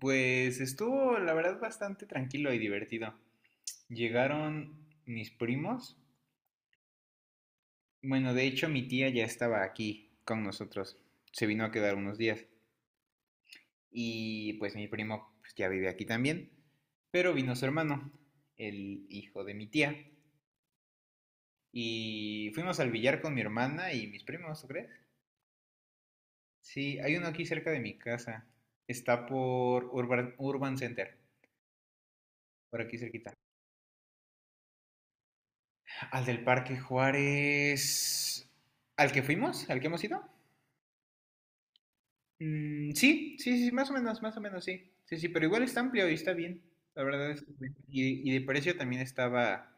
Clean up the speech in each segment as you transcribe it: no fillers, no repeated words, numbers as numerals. Pues estuvo, la verdad, bastante tranquilo y divertido. Llegaron mis primos. Bueno, de hecho, mi tía ya estaba aquí con nosotros. Se vino a quedar unos días. Y pues mi primo pues, ya vive aquí también. Pero vino su hermano, el hijo de mi tía. Y fuimos al billar con mi hermana y mis primos, ¿tú crees? Sí, hay uno aquí cerca de mi casa. Está por Urban Center, por aquí cerquita. Al del Parque Juárez. ¿Al que fuimos? ¿Al que hemos ido? Mm, sí, sí, sí, más o menos, sí. Sí, sí, pero igual está amplio y está bien. La verdad es que bien. Y de precio también estaba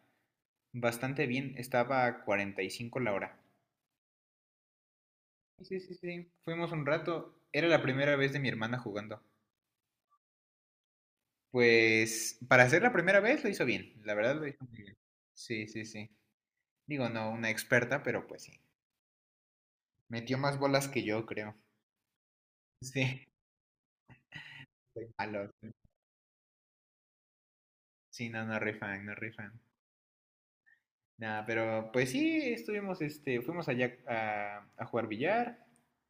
bastante bien. Estaba a 45 la hora. Sí, sí, sí. Fuimos un rato. Era la primera vez de mi hermana jugando. Pues para ser la primera vez lo hizo bien. La verdad lo hizo muy bien. Sí, sí, sí. Digo, no una experta, pero pues sí. Metió más bolas que yo, creo. Sí. Soy malo. Sí, no, no rifan, no rifan. Nada, pero pues sí, estuvimos, fuimos allá a jugar billar.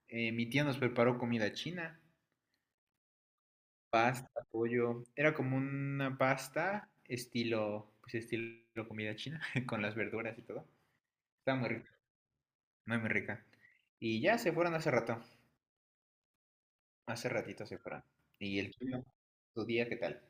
Mi tía nos preparó comida china, pasta, pollo. Era como una pasta estilo, pues estilo comida china, con las verduras y todo. Estaba muy rica, muy rica. Y ya se fueron hace rato, hace ratito se fueron. ¿Y el tuyo? ¿Tu día qué tal?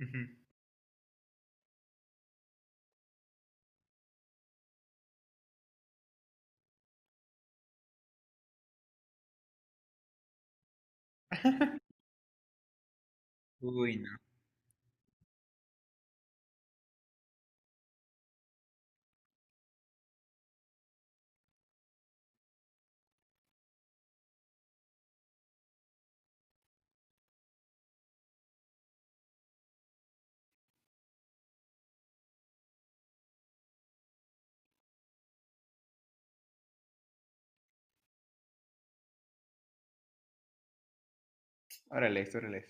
Ujú. Uy, no. Órale, órale.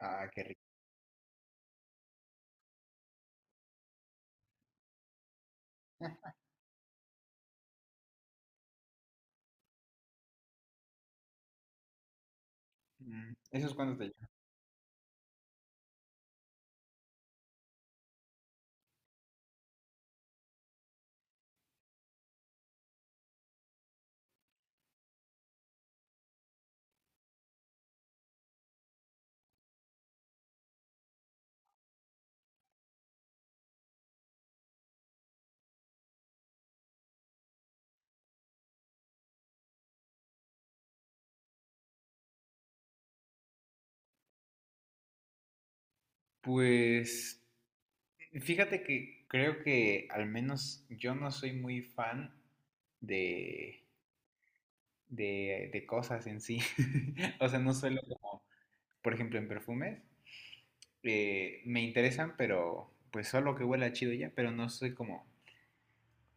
Ah, qué rico. Ah, ¿Esos cuántos te llevan? Pues fíjate que creo que al menos yo no soy muy fan de, de cosas en sí. O sea, no suelo como, por ejemplo, en perfumes. Me interesan, pero pues solo que huela chido ya, pero no soy como,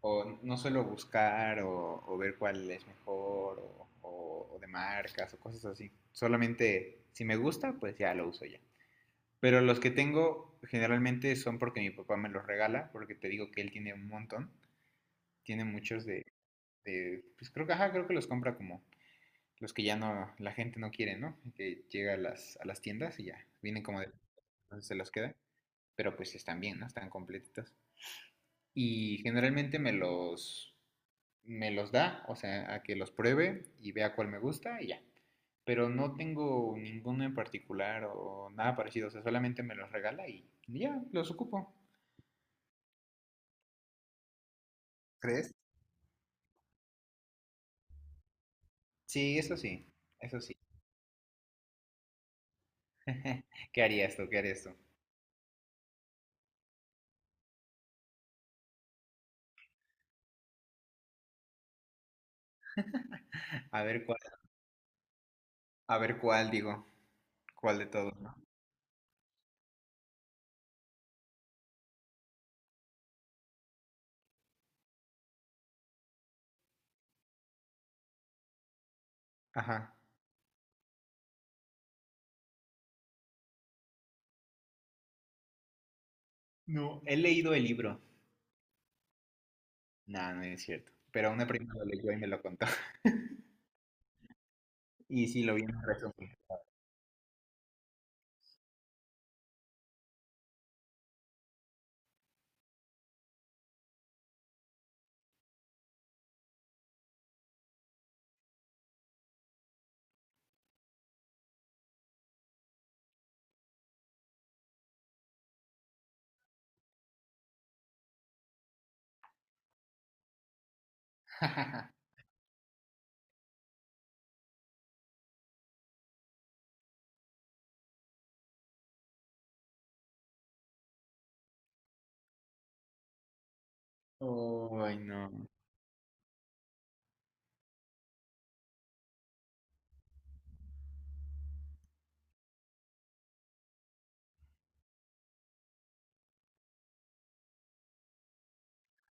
o no suelo buscar o ver cuál es mejor o, o de marcas o cosas así. Solamente si me gusta, pues ya lo uso ya. Pero los que tengo generalmente son porque mi papá me los regala, porque te digo que él tiene un montón. Tiene muchos de, pues creo que, ajá, creo que los compra como los que ya no, la gente no quiere, ¿no? Que llega a a las tiendas y ya, vienen como de, entonces se los queda, pero pues están bien, ¿no? Están completitos. Y generalmente me los da, o sea, a que los pruebe y vea cuál me gusta y ya. Pero no tengo ninguno en particular o nada parecido, o sea, solamente me los regala y ya, los ocupo. ¿Crees? Sí, eso sí, eso sí. ¿Qué harías tú? ¿Qué harías tú? A ver, a ver cuál digo, cuál de todos, ¿no? Ajá. No, he leído el libro. No, no es cierto. Pero una prima lo leyó y me lo contó. Y sí, lo vi en un resumen. Ay, no.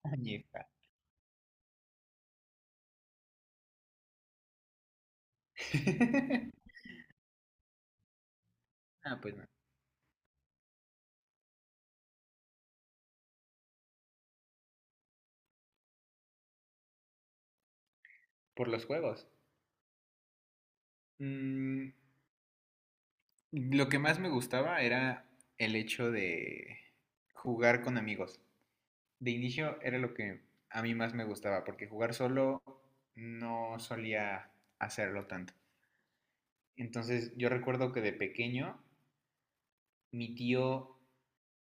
Añeja. Ah, pues no. Por los juegos. Mm, lo que más me gustaba era el hecho de jugar con amigos. De inicio era lo que a mí más me gustaba, porque jugar solo no solía hacerlo tanto. Entonces yo recuerdo que de pequeño mi tío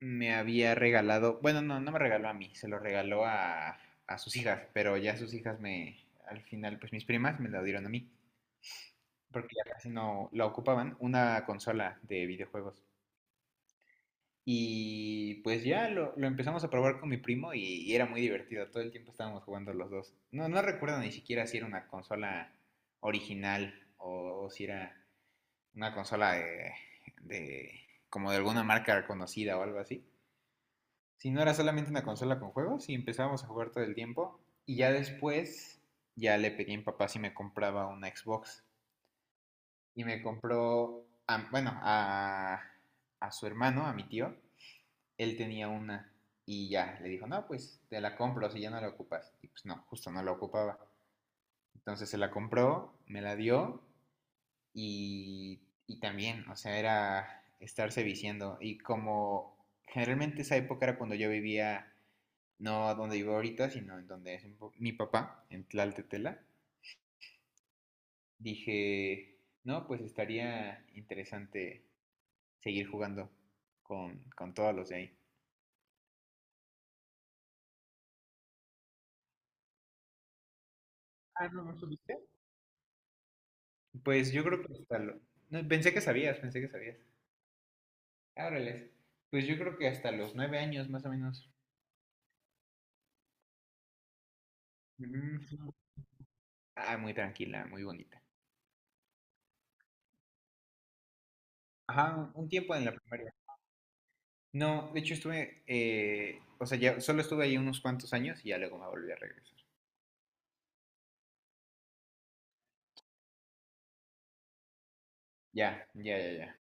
me había regalado, bueno, no, no me regaló a mí, se lo regaló a sus hijas, pero ya sus hijas me, al final, pues mis primas me la dieron a mí, porque ya casi no la ocupaban, una consola de videojuegos. Y pues ya lo empezamos a probar con mi primo y era muy divertido, todo el tiempo estábamos jugando los dos. No, no recuerdo ni siquiera si era una consola original o si era una consola de como de alguna marca reconocida o algo así. Si no era solamente una consola con juegos y empezábamos a jugar todo el tiempo. Y ya después, ya le pedí a mi papá si me compraba una Xbox. Y me compró, bueno, a su hermano, a mi tío. Él tenía una. Y ya, le dijo, no, pues te la compro si ya no la ocupas. Y pues no, justo no la ocupaba. Entonces se la compró, me la dio y, y también, o sea, era estarse viciando. Y como generalmente esa época era cuando yo vivía no donde vivo ahorita, sino en donde es mi papá, en Tlaltetela, dije, no, pues estaría interesante seguir jugando con todos los de ahí. Ah, ¿no me subiste? Pues yo creo que hasta lo... No, pensé que sabías, pensé que sabías. Ábreles. Pues yo creo que hasta los 9 años más o menos. Mm, ah, muy tranquila, muy bonita. Ajá, un tiempo en la primaria. No, de hecho estuve, o sea, ya solo estuve ahí unos cuantos años y ya luego me volví a regresar. Ya, ya, ya, ya.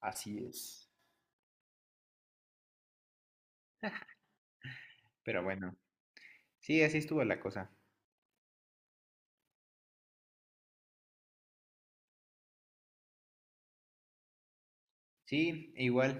Así es. Pero bueno, sí, así estuvo la cosa. Sí, e igual,